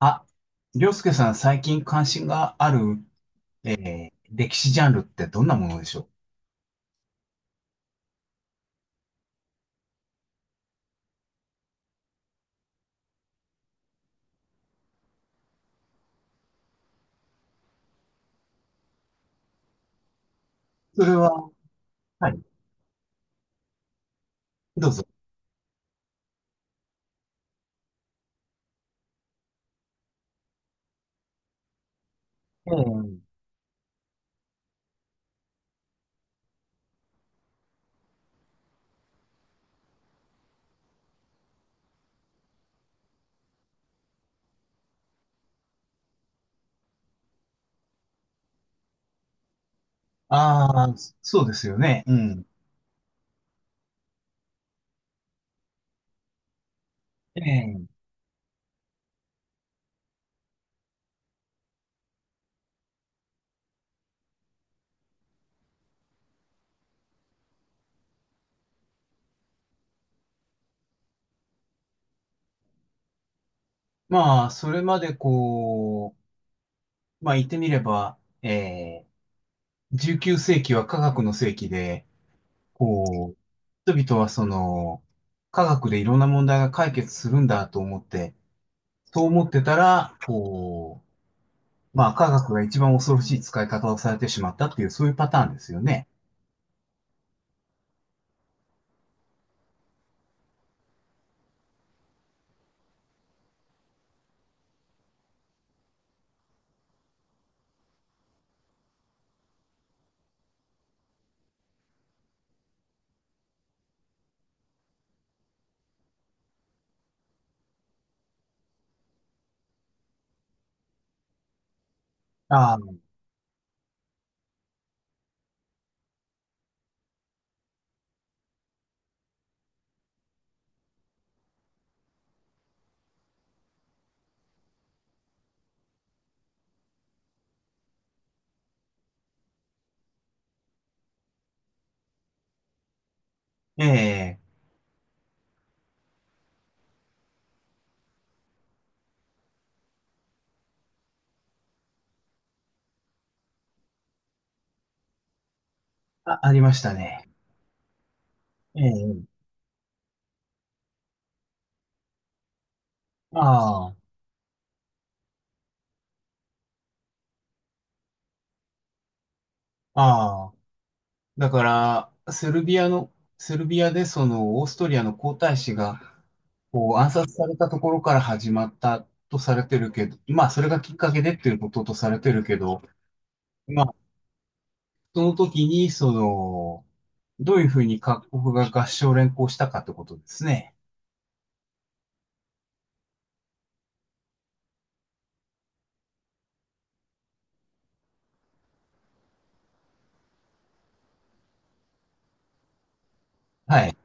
あ、りょうすけさん、最近関心がある、歴史ジャンルってどんなものでしょう？それは、はい、どうぞ。ええ。ああ、そうですよね。うん。ええ。まあ、それまでこう、まあ言ってみれば、ええ、19世紀は科学の世紀で、こう、人々はその、科学でいろんな問題が解決するんだと思って、そう思ってたら、こうまあ、科学が一番恐ろしい使い方をされてしまったっていう、そういうパターンですよね。ああ、ええ。あ、ありましたね。ええ。ああ、ああ。だから、セルビアでその、オーストリアの皇太子が、こう、暗殺されたところから始まったとされてるけど、まあ、それがきっかけでっていうこととされてるけど、まあ、その時に、その、どういうふうに各国が合唱連行したかってことですね。はい。はい。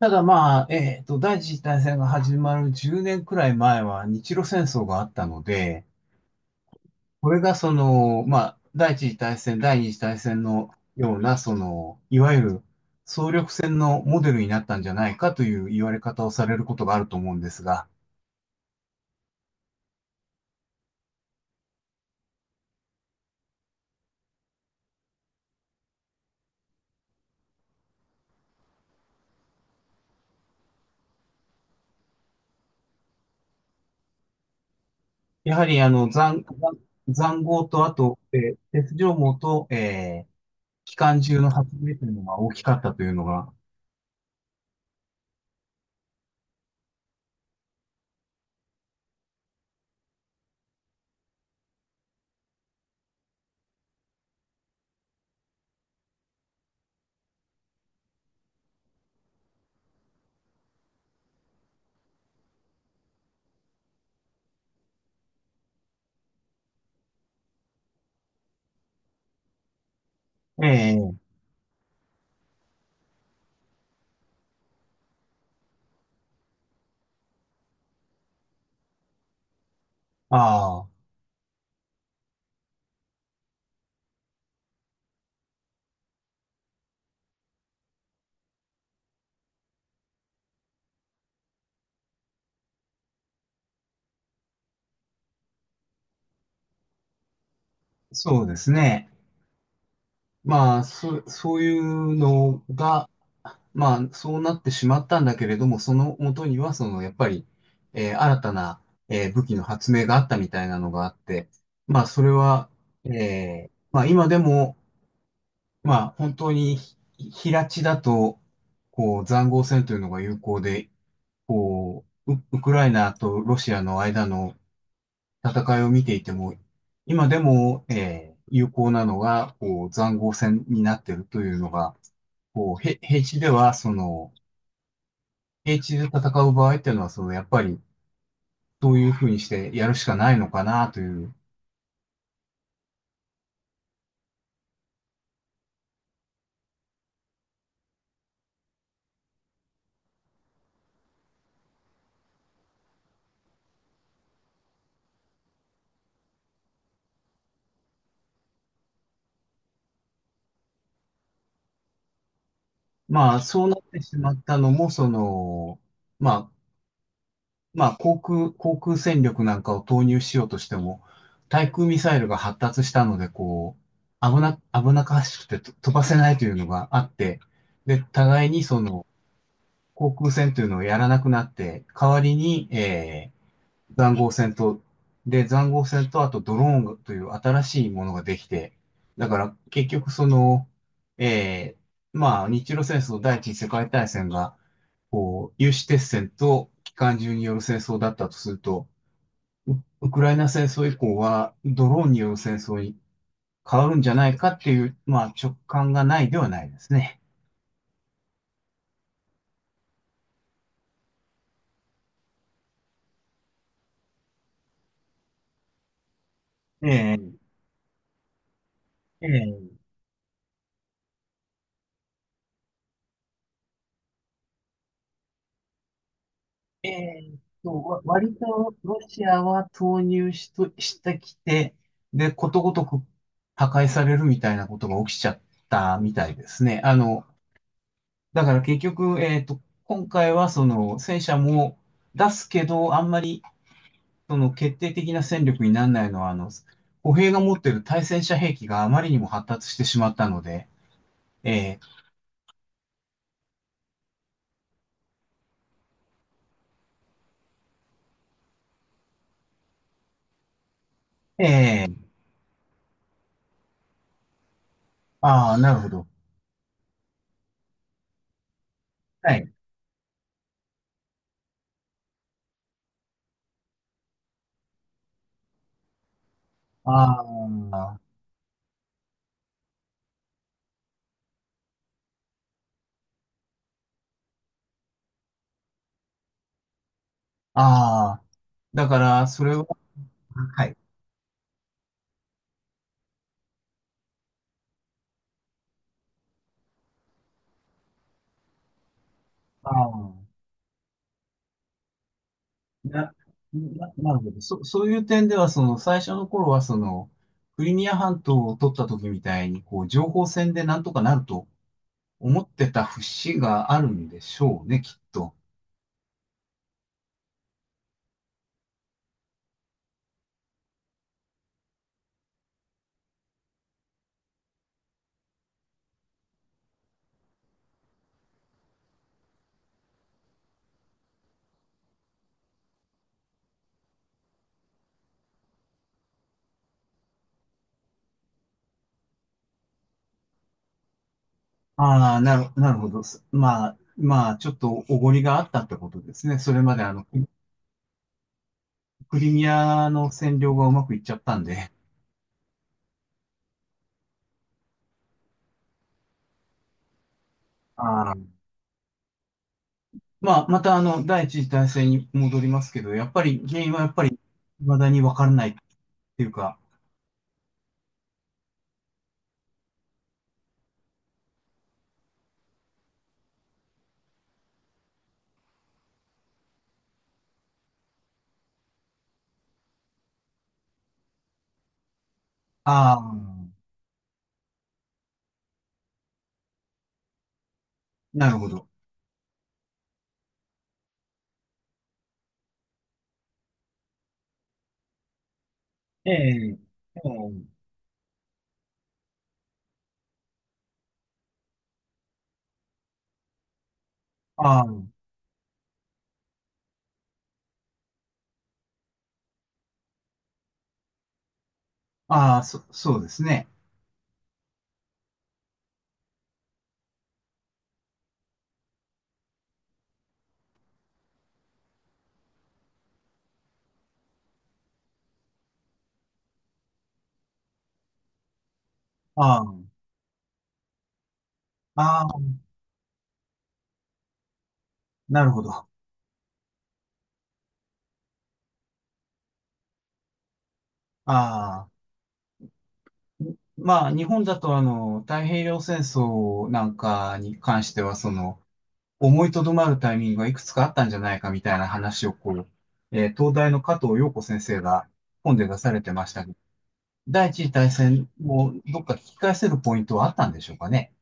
ただまあ、第一次大戦が始まる10年くらい前は日露戦争があったので、これがその、まあ、第一次大戦、第二次大戦のような、その、いわゆる総力戦のモデルになったんじゃないかという言われ方をされることがあると思うんですが、やはりあの、塹壕と、あと、鉄条網と、機関銃の発明というのが大きかったというのが、ええ。ああ、そうですね。まあ、そういうのが、まあ、そうなってしまったんだけれども、その元には、その、やっぱり、新たな、武器の発明があったみたいなのがあって、まあ、それは、まあ、今でも、まあ、本当に、平地だと、こう、塹壕戦というのが有効で、こう、ウクライナとロシアの間の戦いを見ていても、今でも、有効なのが、こう、塹壕戦になっているというのが、こう、平地では、その、平地で戦う場合っていうのは、その、やっぱり、どういうふうにしてやるしかないのかなという。まあ、そうなってしまったのも、その、まあ、まあ、航空戦力なんかを投入しようとしても、対空ミサイルが発達したので、こう、危なっかしくてと飛ばせないというのがあって、で、互いにその、航空戦というのをやらなくなって、代わりに、塹壕戦と、塹壕戦と、あとドローンという新しいものができて、だから結局その、えまあ、日露戦争第一次世界大戦が、こう、有刺鉄線と機関銃による戦争だったとすると、ウウクライナ戦争以降はドローンによる戦争に変わるんじゃないかっていう、まあ、直感がないではないですね。ええええ割とロシアは投入しと、してきて、で、ことごとく破壊されるみたいなことが起きちゃったみたいですね。だから結局、今回はその戦車も出すけど、あんまりその決定的な戦力にならないのは、歩兵が持ってる対戦車兵器があまりにも発達してしまったので、えー、えー、ああ、なるほど。はい。ああ、ああ、だから、それは、はい。ああ、な、なるほど。そういう点では、その、最初の頃は、その、クリミア半島を取った時みたいに、こう、情報戦でなんとかなると思ってた節があるんでしょうね、きっと。ああ、なるほど。まあ、まあ、ちょっとおごりがあったってことですね。それまで、クリミアの占領がうまくいっちゃったんで。ああ。まあ、また、第一次大戦に戻りますけど、やっぱり、原因はやっぱり、未だにわからないっていうか、ああ。なるほど。ええ、ええ、ああ、ああ、そうですね。ああ、ああ、なるほど。ああ、まあ、日本だと、太平洋戦争なんかに関しては、その、思いとどまるタイミングがいくつかあったんじゃないかみたいな話を、こう、東大の加藤陽子先生が本で出されてましたけど、第一次大戦をどっか聞き返せるポイントはあったんでしょうかね。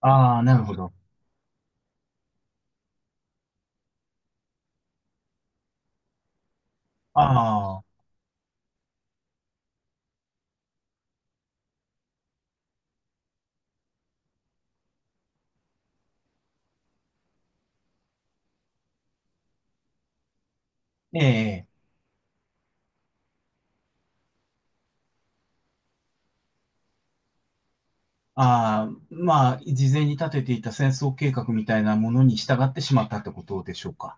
ああ、なるほど。ああ、ええ。ああ、まあ、事前に立てていた戦争計画みたいなものに従ってしまったってことでしょうか。